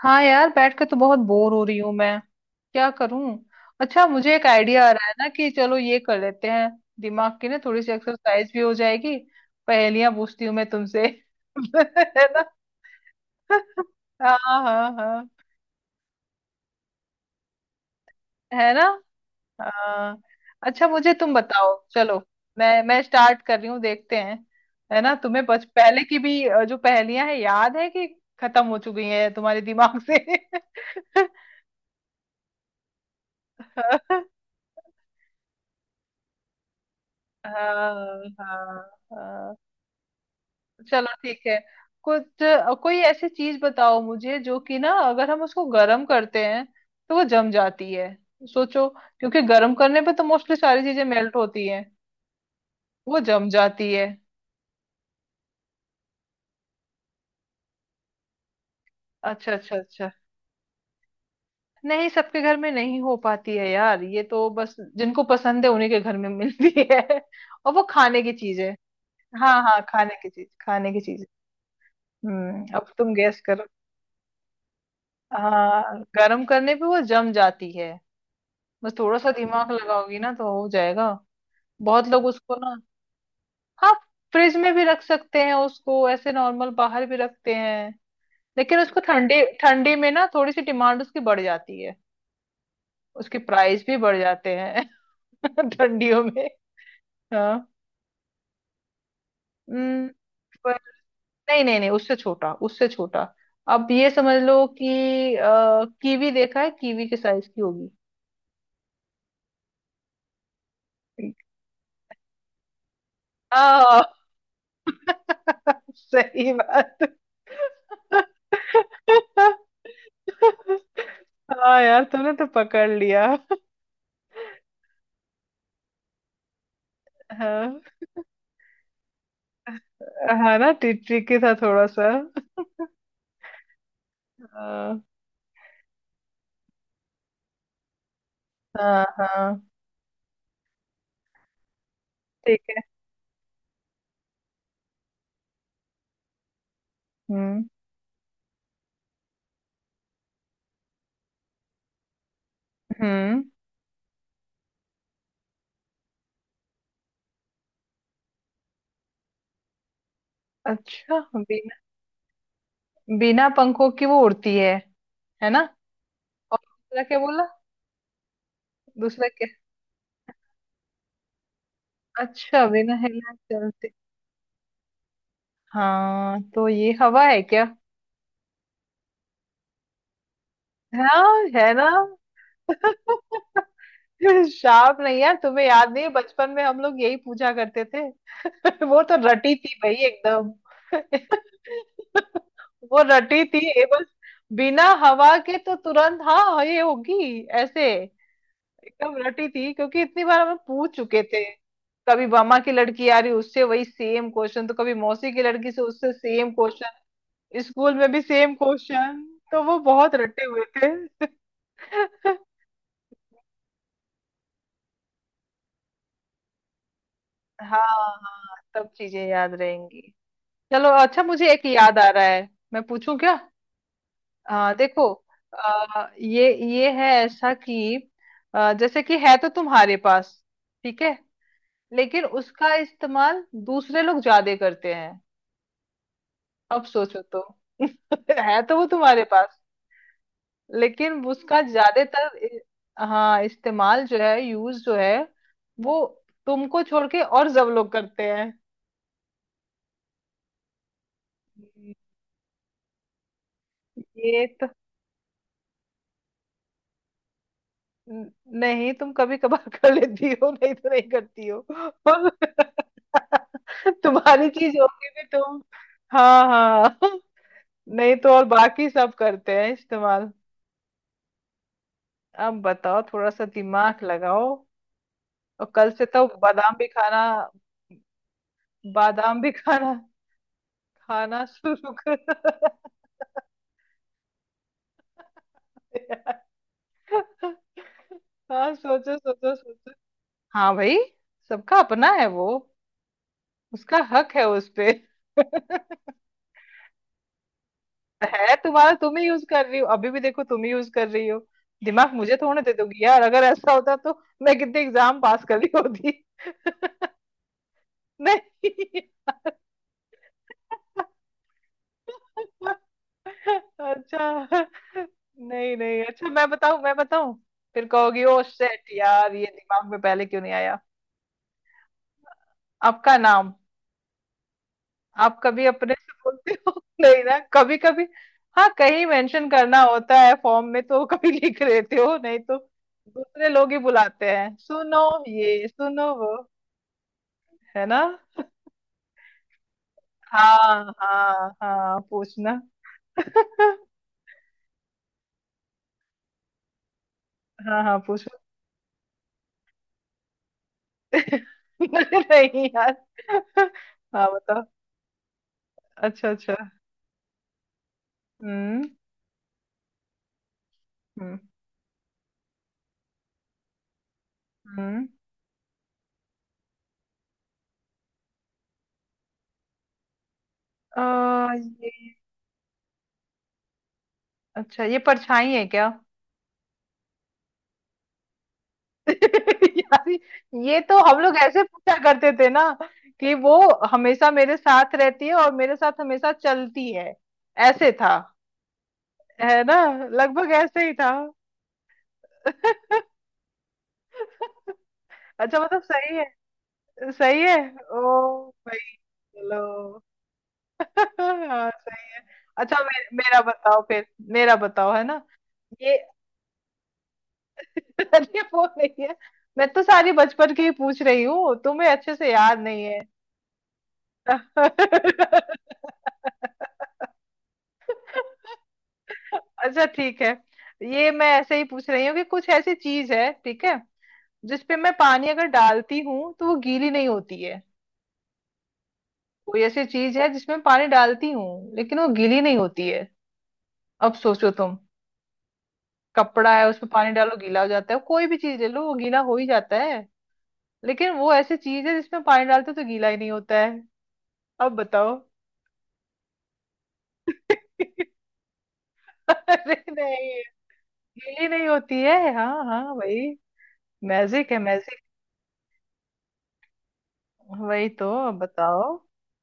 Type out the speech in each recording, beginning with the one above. हाँ यार, बैठ के तो बहुत बोर हो रही हूँ मैं। क्या करूं। अच्छा मुझे एक आइडिया आ रहा है ना कि चलो ये कर लेते हैं। दिमाग की ना थोड़ी सी एक्सरसाइज भी हो जाएगी। पहेलियां पूछती हूँ मैं तुमसे। है ना। हाँ। हाँ हाँ। है ना। हाँ। अच्छा मुझे तुम बताओ, चलो। मैं स्टार्ट कर रही हूँ, देखते हैं। है ना, तुम्हें बच पहले की भी जो पहेलियां हैं याद है कि खत्म हो चुकी हैं तुम्हारे दिमाग से। हाँ। हाँ हाँ। चलो ठीक है। कुछ कोई ऐसी चीज बताओ मुझे जो कि ना, अगर हम उसको गर्म करते हैं तो वो जम जाती है। सोचो, क्योंकि गर्म करने पे तो मोस्टली सारी चीजें मेल्ट होती हैं। वो जम जाती है। अच्छा अच्छा अच्छा। नहीं सबके घर में नहीं हो पाती है यार, ये तो बस जिनको पसंद है उन्हीं के घर में मिलती है। और वो खाने की चीज है। हाँ हाँ, खाने की चीज, खाने की चीज। हम्म, अब तुम गैस करो। हाँ गर्म करने पे वो जम जाती है। बस थोड़ा सा दिमाग लगाओगी ना तो हो जाएगा। बहुत लोग उसको ना। हाँ। फ्रिज में भी रख सकते हैं उसको, ऐसे नॉर्मल बाहर भी रखते हैं। लेकिन उसको ठंडी ठंडी में ना थोड़ी सी डिमांड उसकी बढ़ जाती है। उसके प्राइस भी बढ़ जाते हैं ठंडियों में। हाँ। हम्म, पर नहीं नहीं नहीं, उससे छोटा, उससे छोटा। अब ये समझ लो कि कीवी देखा है, कीवी के साइज की होगी। हाँ। सही बात। हाँ यार तुमने तो पकड़ लिया। हाँ। हाँ ना, ट्रिकी था थोड़ा सा। हाँ। हाँ हाँ। ठीक है। हम्म। हम्म। अच्छा बिना। बिना पंखों की वो उड़ती है ना। और दूसरा क्या बोला। दूसरा क्या। अच्छा बिना हिले चलती। हाँ तो ये हवा है क्या। हाँ है ना। शार्प नहीं यार, तुम्हें याद नहीं है बचपन में हम लोग यही पूछा करते थे। वो तो रटी थी भाई एकदम। वो रटी थी ये बस। बिना हवा के तो तुरंत हाँ ये होगी ऐसे। एकदम रटी थी क्योंकि इतनी बार हमें पूछ चुके थे। कभी मामा की लड़की आ रही उससे वही सेम क्वेश्चन, तो कभी मौसी की लड़की से उससे सेम क्वेश्चन। स्कूल में भी सेम क्वेश्चन। तो वो बहुत रटे हुए थे। हाँ। हाँ सब चीजें याद रहेंगी। चलो अच्छा मुझे एक याद आ रहा है, मैं पूछूं क्या। देखो, ये है ऐसा कि जैसे कि है तो तुम्हारे पास, ठीक है, लेकिन उसका इस्तेमाल दूसरे लोग ज्यादा करते हैं। अब सोचो तो। है तो वो तुम्हारे पास, लेकिन उसका ज्यादातर हाँ इस्तेमाल जो है, यूज जो है, वो तुमको छोड़ के और सब लोग करते हैं। ये न- नहीं, तुम कभी कभार कर लेती हो, नहीं तो नहीं करती हो। तुम्हारी चीज होगी भी, तुम। हाँ हाँ। नहीं तो और बाकी सब करते हैं इस्तेमाल। अब बताओ, थोड़ा सा दिमाग लगाओ। और कल से तो बादाम भी खाना। बादाम भी खाना, खाना शुरू कर। हाँ, सोचो सोचो सोचो। हाँ भाई। सबका अपना है वो। उसका हक है उस पे। है तुम्हारा, तुम ही यूज कर रही हो, अभी भी देखो तुम ही यूज कर रही हो। दिमाग मुझे थोड़े दे दोगी यार, अगर ऐसा होता तो मैं कितने एग्जाम पास कर रही होती। नहीं। अच्छा। नहीं नहीं, अच्छा मैं बताऊं, मैं बताऊं। फिर कहोगी ओ शेट यार, ये दिमाग में पहले क्यों नहीं आया। आपका नाम। आप कभी अपने से बोलते हो। नहीं ना कभी कभी। हाँ कहीं मेंशन करना होता है फॉर्म में तो कभी लिख लेते हो, नहीं तो दूसरे लोग ही बुलाते हैं, सुनो ये, सुनो वो। है ना। हाँ हाँ हाँ, पूछना। हाँ हाँ पूछो। नहीं यार। हाँ बताओ। अच्छा अच्छा। हम्म। हम्म। हम्म। ये। अच्छा ये परछाई है क्या। यार ये तो हम लोग ऐसे पूछा करते थे ना कि वो हमेशा मेरे साथ रहती है और मेरे साथ हमेशा चलती है, ऐसे था, है ना। लगभग ऐसे ही था। अच्छा मतलब सही है। सही है। ओ भाई चलो। हाँ सही है। अच्छा मेरा बताओ फिर। मेरा बताओ, है ना। ये। अरे वो नहीं है, मैं तो सारी बचपन की ही पूछ रही हूँ, तुम्हें अच्छे से याद नहीं है। अच्छा। ठीक है, ये मैं ऐसे ही पूछ रही हूँ कि कुछ ऐसी चीज है, ठीक है, जिसपे मैं पानी अगर डालती हूँ तो वो गीली नहीं होती है। कोई ऐसी चीज है जिसमें पानी डालती हूँ लेकिन वो गीली नहीं होती है। अब सोचो तुम। कपड़ा है उसमें पानी डालो गीला हो जाता है, कोई भी चीज ले लो वो गीला हो ही जाता है, लेकिन वो ऐसी चीज है जिसमें पानी डालते तो गीला ही नहीं होता है। अब बताओ। अरे नहीं। गीली नहीं होती है, हाँ हाँ वही। मैजिक है, मैजिक। वही तो, अब बताओ।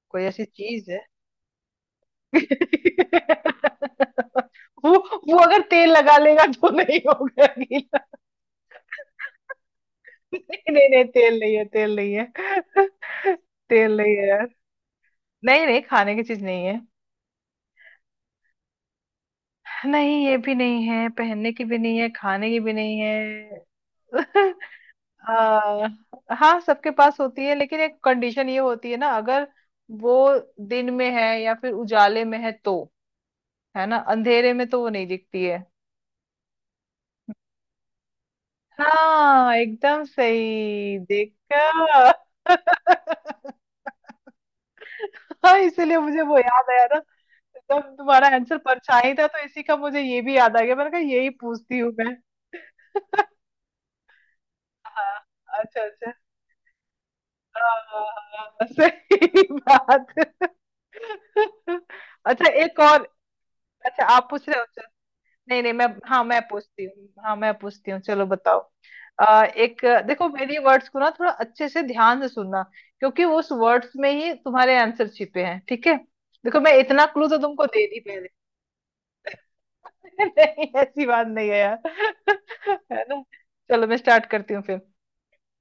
कोई ऐसी चीज है। वो। वो अगर तेल लगा लेगा तो नहीं होगा गीला। नहीं नहीं नहीं, तेल नहीं है, तेल नहीं है। तेल नहीं है यार। नहीं नहीं, खाने की चीज नहीं है। नहीं ये भी नहीं है, पहनने की भी नहीं है, खाने की भी नहीं है। आ, हाँ सबके पास होती है, लेकिन एक कंडीशन ये होती है ना, अगर वो दिन में है या फिर उजाले में है तो, है ना। अंधेरे में तो वो नहीं दिखती है। हाँ एकदम सही देखा। हाँ इसीलिए मुझे वो याद आया ना, जब तुम्हारा आंसर परछाई था तो इसी का मुझे ये भी याद आ गया, मैंने कहा यही पूछती हूँ मैं। हाँ। अच्छा अच्छा। हाँ हाँ। हाँ, सही बात। अच्छा एक और। अच्छा आप पूछ रहे हो। नहीं नहीं, मैं हाँ मैं पूछती हूँ, हाँ मैं पूछती हूँ, चलो बताओ। एक। देखो मेरी वर्ड्स को ना थोड़ा अच्छे से ध्यान से सुनना, क्योंकि उस वर्ड्स में ही तुम्हारे आंसर छिपे हैं, ठीक है। देखो मैं इतना क्लू तो तुमको दे दी पहले। नहीं ऐसी बात नहीं है यार, है ना। चलो मैं स्टार्ट करती हूँ फिर।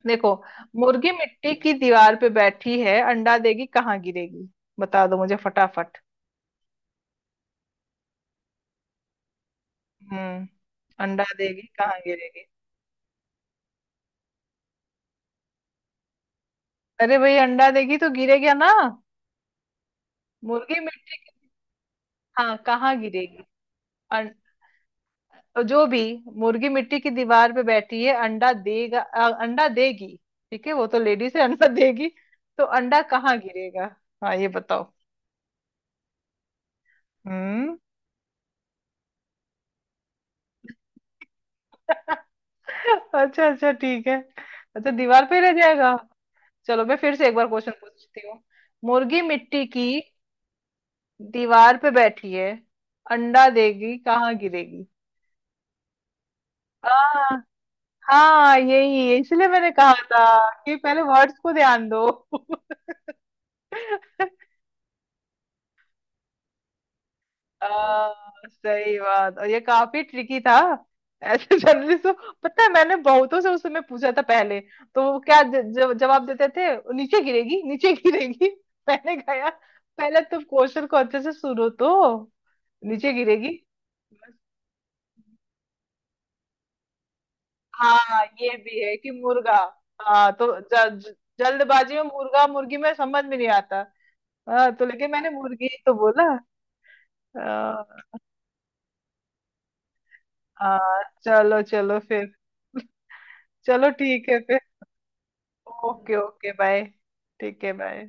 देखो, मुर्गी मिट्टी की दीवार पे बैठी है, अंडा देगी कहाँ गिरेगी। बता दो मुझे फटाफट। हम्म। अंडा देगी कहाँ गिरेगी। अरे भाई अंडा देगी तो गिरेगा ना। मुर्गी मिट्टी। हाँ कहाँ गिरेगी। अं- जो भी, मुर्गी मिट्टी की दीवार पे बैठी है, अंडा देगी, ठीक है, वो तो लेडीज है, अंडा देगी, तो अंडा कहाँ गिरेगा। हाँ ये बताओ। हम्म। अच्छा अच्छा ठीक है। अच्छा दीवार पे रह जाएगा। चलो मैं फिर से एक बार क्वेश्चन पूछती हूँ। मुर्गी मिट्टी की दीवार पे बैठी है, अंडा देगी कहाँ गिरेगी। हाँ। हाँ यही है, इसलिए मैंने कहा था कि पहले वर्ड्स को ध्यान दो। आ, सही बात, और ये काफी ट्रिकी था। ऐसे जनरली तो, पता है मैंने बहुतों से उस समय पूछा था पहले, तो वो क्या जवाब देते थे, नीचे गिरेगी, नीचे गिरेगी। मैंने कहा "यार, पहले तुम क्वेश्चन को अच्छे से सुनो तो, नीचे गिरेगी, बस"। हाँ ये भी है कि मुर्गा, हाँ तो ज, ज, जल्दबाजी में मुर्गा मुर्गी में समझ में नहीं आता। हाँ तो लेकिन मैंने मुर्गी तो बोला। हाँ। हाँ, चलो चलो फिर। चलो ठीक है फिर। Okay okay bye. ठीक है बाय।